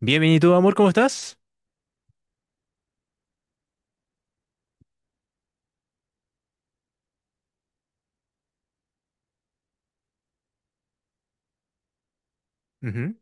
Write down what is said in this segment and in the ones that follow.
Bien, bien, ¿y tú, amor, cómo estás? Ujú.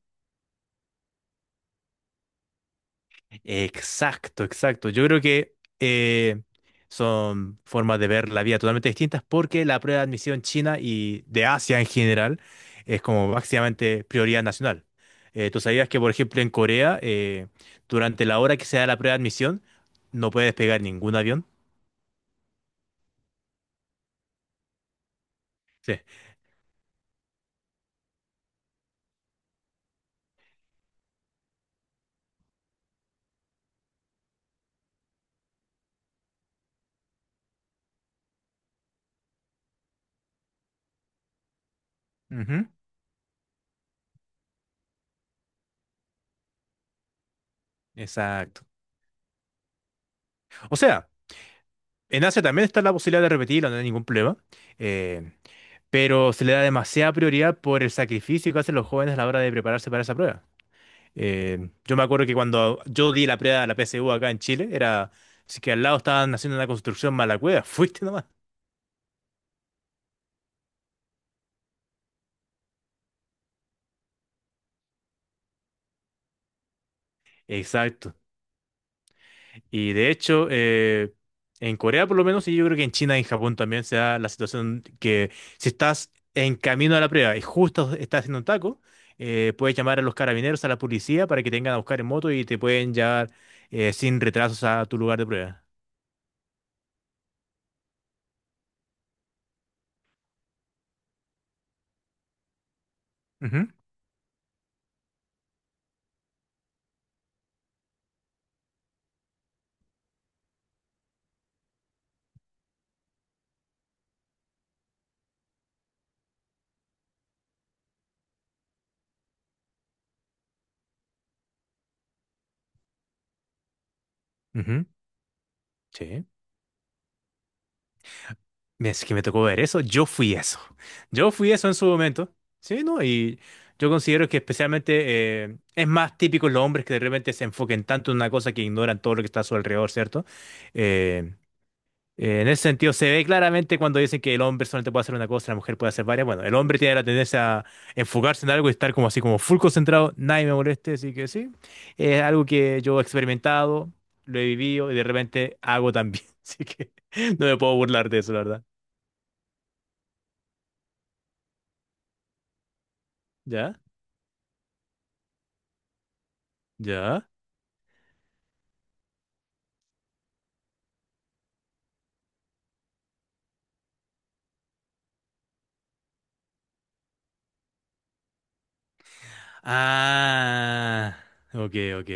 Exacto, exacto. Yo creo que son formas de ver la vida totalmente distintas porque la prueba de admisión china y de Asia en general es como básicamente prioridad nacional. Tú sabías que, por ejemplo, en Corea, durante la hora que se da la prueba de admisión, no puede despegar ningún avión. Sí. Ujú. Exacto. O sea, en Asia también está la posibilidad de repetirlo, no hay ningún problema. eh, pero se le da demasiada prioridad por el sacrificio que hacen los jóvenes a la hora de prepararse para esa prueba. Yo me acuerdo que cuando yo di la prueba de la PSU acá en Chile, era, si que al lado estaban haciendo una construcción mala cueva, fuiste nomás. Exacto. Y de hecho, en Corea por lo menos, y yo creo que en China y en Japón también se da la situación que si estás en camino a la prueba y justo estás haciendo un taco, puedes llamar a los carabineros, a la policía para que te vengan a buscar en moto y te pueden llevar sin retrasos a tu lugar de prueba. Ujú. Ujú. Sí. Es que me tocó ver eso. Yo fui eso. Yo fui eso en su momento. Sí, ¿no? Y yo considero que, especialmente, es más típico en los hombres que de repente se enfoquen tanto en una cosa que ignoran todo lo que está a su alrededor, ¿cierto? Eh, en ese sentido, se ve claramente cuando dicen que el hombre solamente puede hacer una cosa, la mujer puede hacer varias. Bueno, el hombre tiene la tendencia a enfocarse en algo y estar como así, como full concentrado, nadie me moleste, así que sí. Es algo que yo he experimentado, lo he vivido y de repente hago también. Así que no me puedo burlar de eso, la verdad. ¿Ya? ¿Ya? Ah, ok, ok.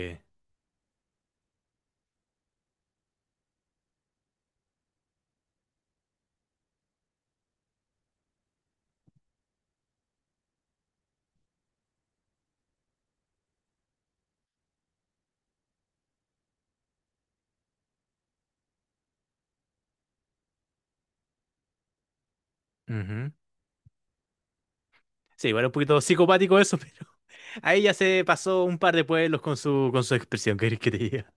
Ujú. Sí, igual un poquito psicopático eso, pero ahí ya se pasó un par de pueblos con su expresión, ¿qué querés que te diga?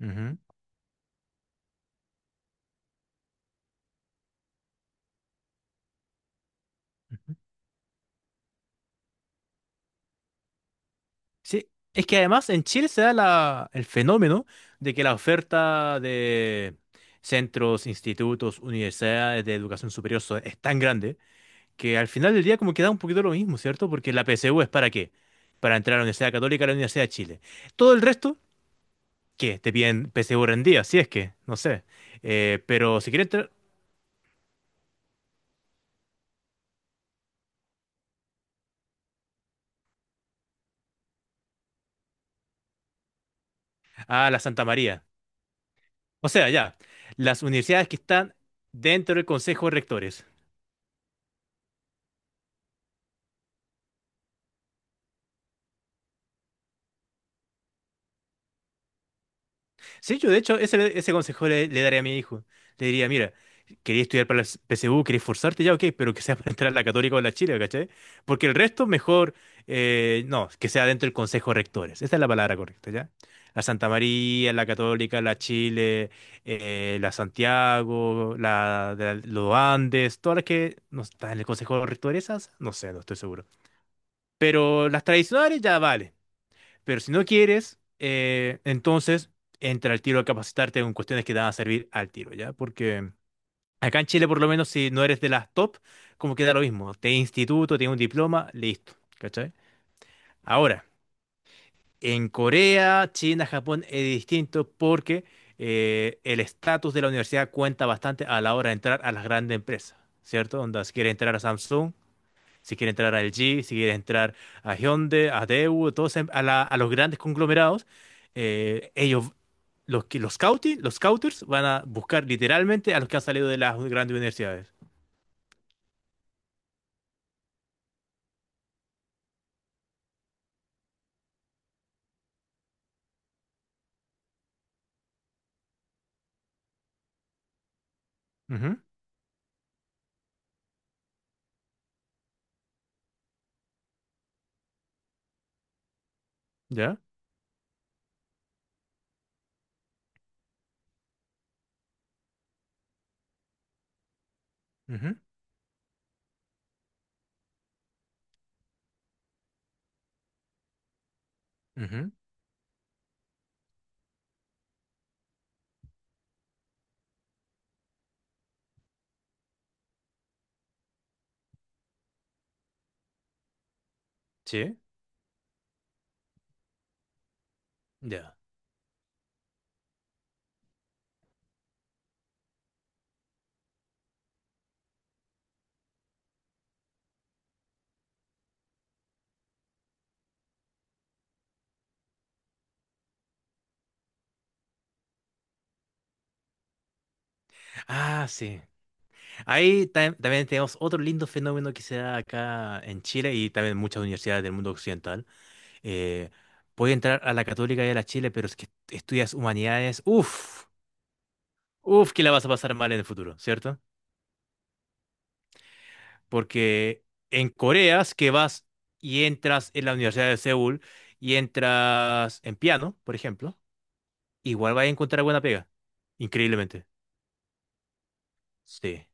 Ujú. Ujú. Sí, es que además en Chile se da el fenómeno de que la oferta de centros, institutos, universidades de educación superior es tan grande que al final del día como que da un poquito lo mismo, ¿cierto? ¿Porque la PSU es para qué? Para entrar a la Universidad Católica, a la Universidad de Chile. Todo el resto que te piden PSU rendida, si es que, no sé. Pero si quieres entrar a la Santa María. O sea, ya, las universidades que están dentro del Consejo de Rectores. Sí, yo de hecho ese consejo le daría a mi hijo. Le diría, mira, quería estudiar para la PSU, quería esforzarte, ya ok, pero que sea para entrar a la Católica o a la Chile, ¿cachai? Porque el resto mejor, no, que sea dentro del Consejo de Rectores. Esa es la palabra correcta, ¿ya? La Santa María, la Católica, la Chile, la Santiago, la de los Andes, todas las que no están en el Consejo de Rectores, esas, no sé, no estoy seguro. Pero las tradicionales ya vale. Pero si no quieres, entonces entra al tiro a capacitarte en cuestiones que te van a servir al tiro, ¿ya? Porque acá en Chile, por lo menos, si no eres de las top, como que da lo mismo. Te instituto, tienes un diploma, listo, ¿cachai? Ahora, en Corea, China, Japón es distinto porque el estatus de la universidad cuenta bastante a la hora de entrar a las grandes empresas, ¿cierto? Onda, si quieres entrar a Samsung. Si quiere entrar a LG, si quiere entrar a Hyundai, a Daewoo, todos a, a los grandes conglomerados, ellos, los, los, los scouters van a buscar literalmente a los que han salido de las grandes universidades. Ujú. Ya. Ujú. Ujú. Sí. Ya. Ah, sí. Ahí también tenemos otro lindo fenómeno que se da acá en Chile y también en muchas universidades del mundo occidental. Eh, Puede entrar a la Católica y a la Chile, pero es que estudias humanidades, uff, uff, que la vas a pasar mal en el futuro, ¿cierto? Porque en Corea es que vas y entras en la Universidad de Seúl y entras en piano, por ejemplo, igual vas a encontrar buena pega, increíblemente. Sí,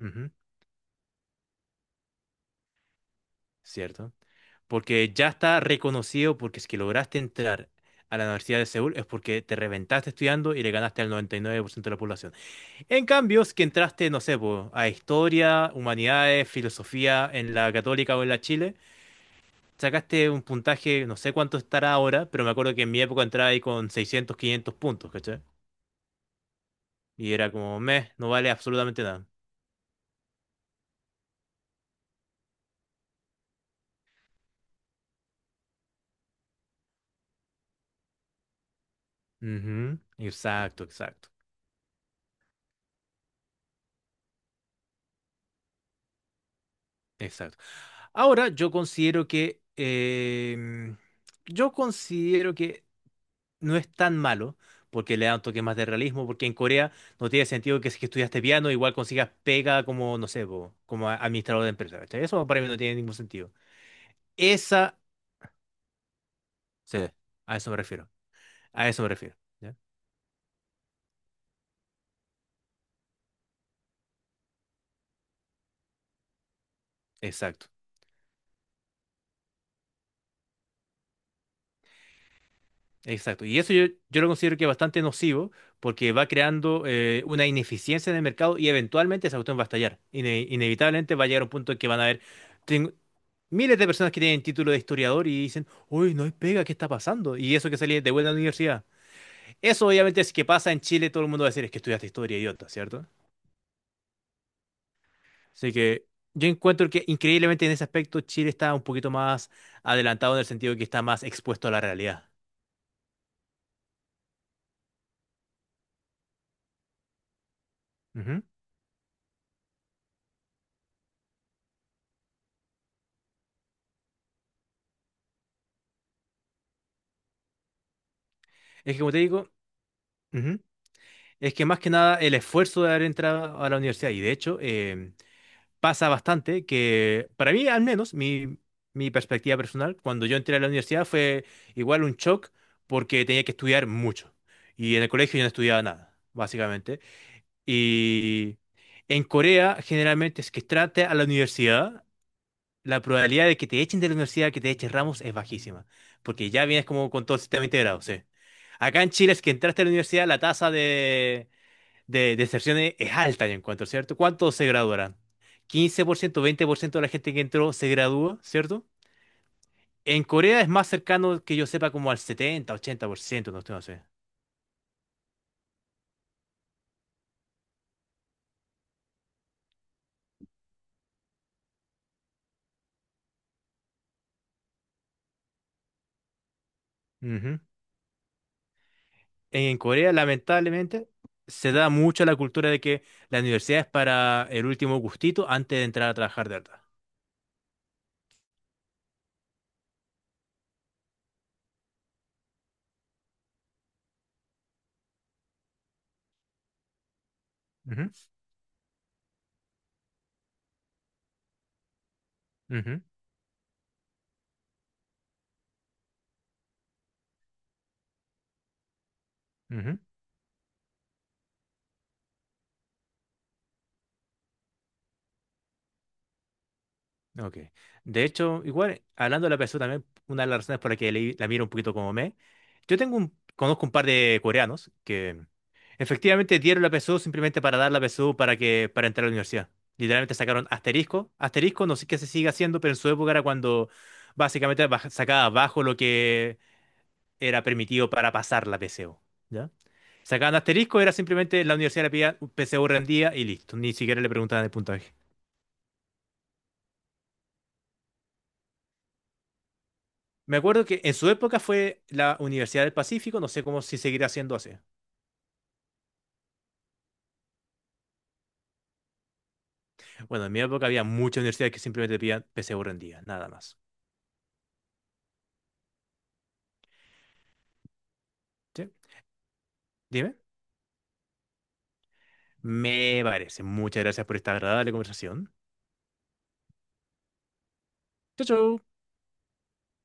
ujú, cierto. Porque ya está reconocido porque es que lograste entrar a la Universidad de Seúl es porque te reventaste estudiando y le ganaste al 99% de la población. En cambio, es que entraste, no sé, po, a historia, humanidades, filosofía en la Católica o en la Chile, sacaste un puntaje, no sé cuánto estará ahora, pero me acuerdo que en mi época entraba ahí con 600 500 puntos, ¿cachai? Y era como, meh, no vale absolutamente nada. Ujú. Exacto, exacto, exacto. Ahora yo considero que no es tan malo. Porque le da un toque más de realismo, porque en Corea no tiene sentido que si que estudiaste piano, igual consigas pega como, no sé, po, como administrador de empresa. ¿Cachai? Eso para mí no tiene ningún sentido. Esa, sí, a eso me refiero. A eso me refiero. ¿Ya? Exacto, exacto. Y eso yo lo considero que es bastante nocivo porque va creando, una ineficiencia en el mercado y eventualmente esa cuestión va a estallar. Inevitablemente va a llegar un punto en que van a haber ten- miles de personas que tienen título de historiador y dicen, uy, no hay pega, ¿qué está pasando? Y eso que salí de vuelta a la universidad. Eso obviamente es que pasa en Chile, todo el mundo va a decir, es que estudiaste historia, idiota, ¿cierto? Así que yo encuentro que increíblemente en ese aspecto Chile está un poquito más adelantado en el sentido de que está más expuesto a la realidad. Es que como te digo. Ujú. Es que más que nada el esfuerzo de haber entrado a la universidad, y de hecho, pasa bastante que para mí al menos mi perspectiva personal, cuando yo entré a la universidad fue igual un shock porque tenía que estudiar mucho. Y en el colegio yo no estudiaba nada, básicamente. Y en Corea generalmente es que trate a la universidad la probabilidad de que te echen de la universidad, que te echen Ramos, es bajísima, porque ya vienes como con todo el sistema integrado, sí. Acá en Chile es que entraste a la universidad, la tasa de deserción es alta, yo encuentro, ¿cierto? ¿Cuántos se graduarán? 15%, 20% de la gente que entró se gradúa, ¿cierto? En Corea es más cercano que yo sepa como al 70, 80%, no estoy, no sé. Ujú. En Corea, lamentablemente, se da mucho la cultura de que la universidad es para el último gustito antes de entrar a trabajar de verdad. Ujú. Ujú. Ujú. Ok. De hecho, igual, hablando de la PSU también, una de las razones por la que la miro un poquito como me, yo tengo conozco un par de coreanos que efectivamente dieron la PSU simplemente para dar la PSU para que, para entrar a la universidad. Literalmente sacaron asterisco. Asterisco, no sé qué se sigue haciendo, pero en su época era cuando básicamente sacaba abajo lo que era permitido para pasar la PSU. ¿Ya? Sacaban asterisco, era simplemente la universidad le pedía PSU rendía y listo. Ni siquiera le preguntaban el puntaje. Me acuerdo que en su época fue la Universidad del Pacífico, no sé cómo si seguirá siendo así. Bueno, en mi época había muchas universidades que simplemente pedían PSU rendida, nada más. ¿Sí? Dime. Me parece. Muchas gracias por esta agradable conversación. Chau, chau.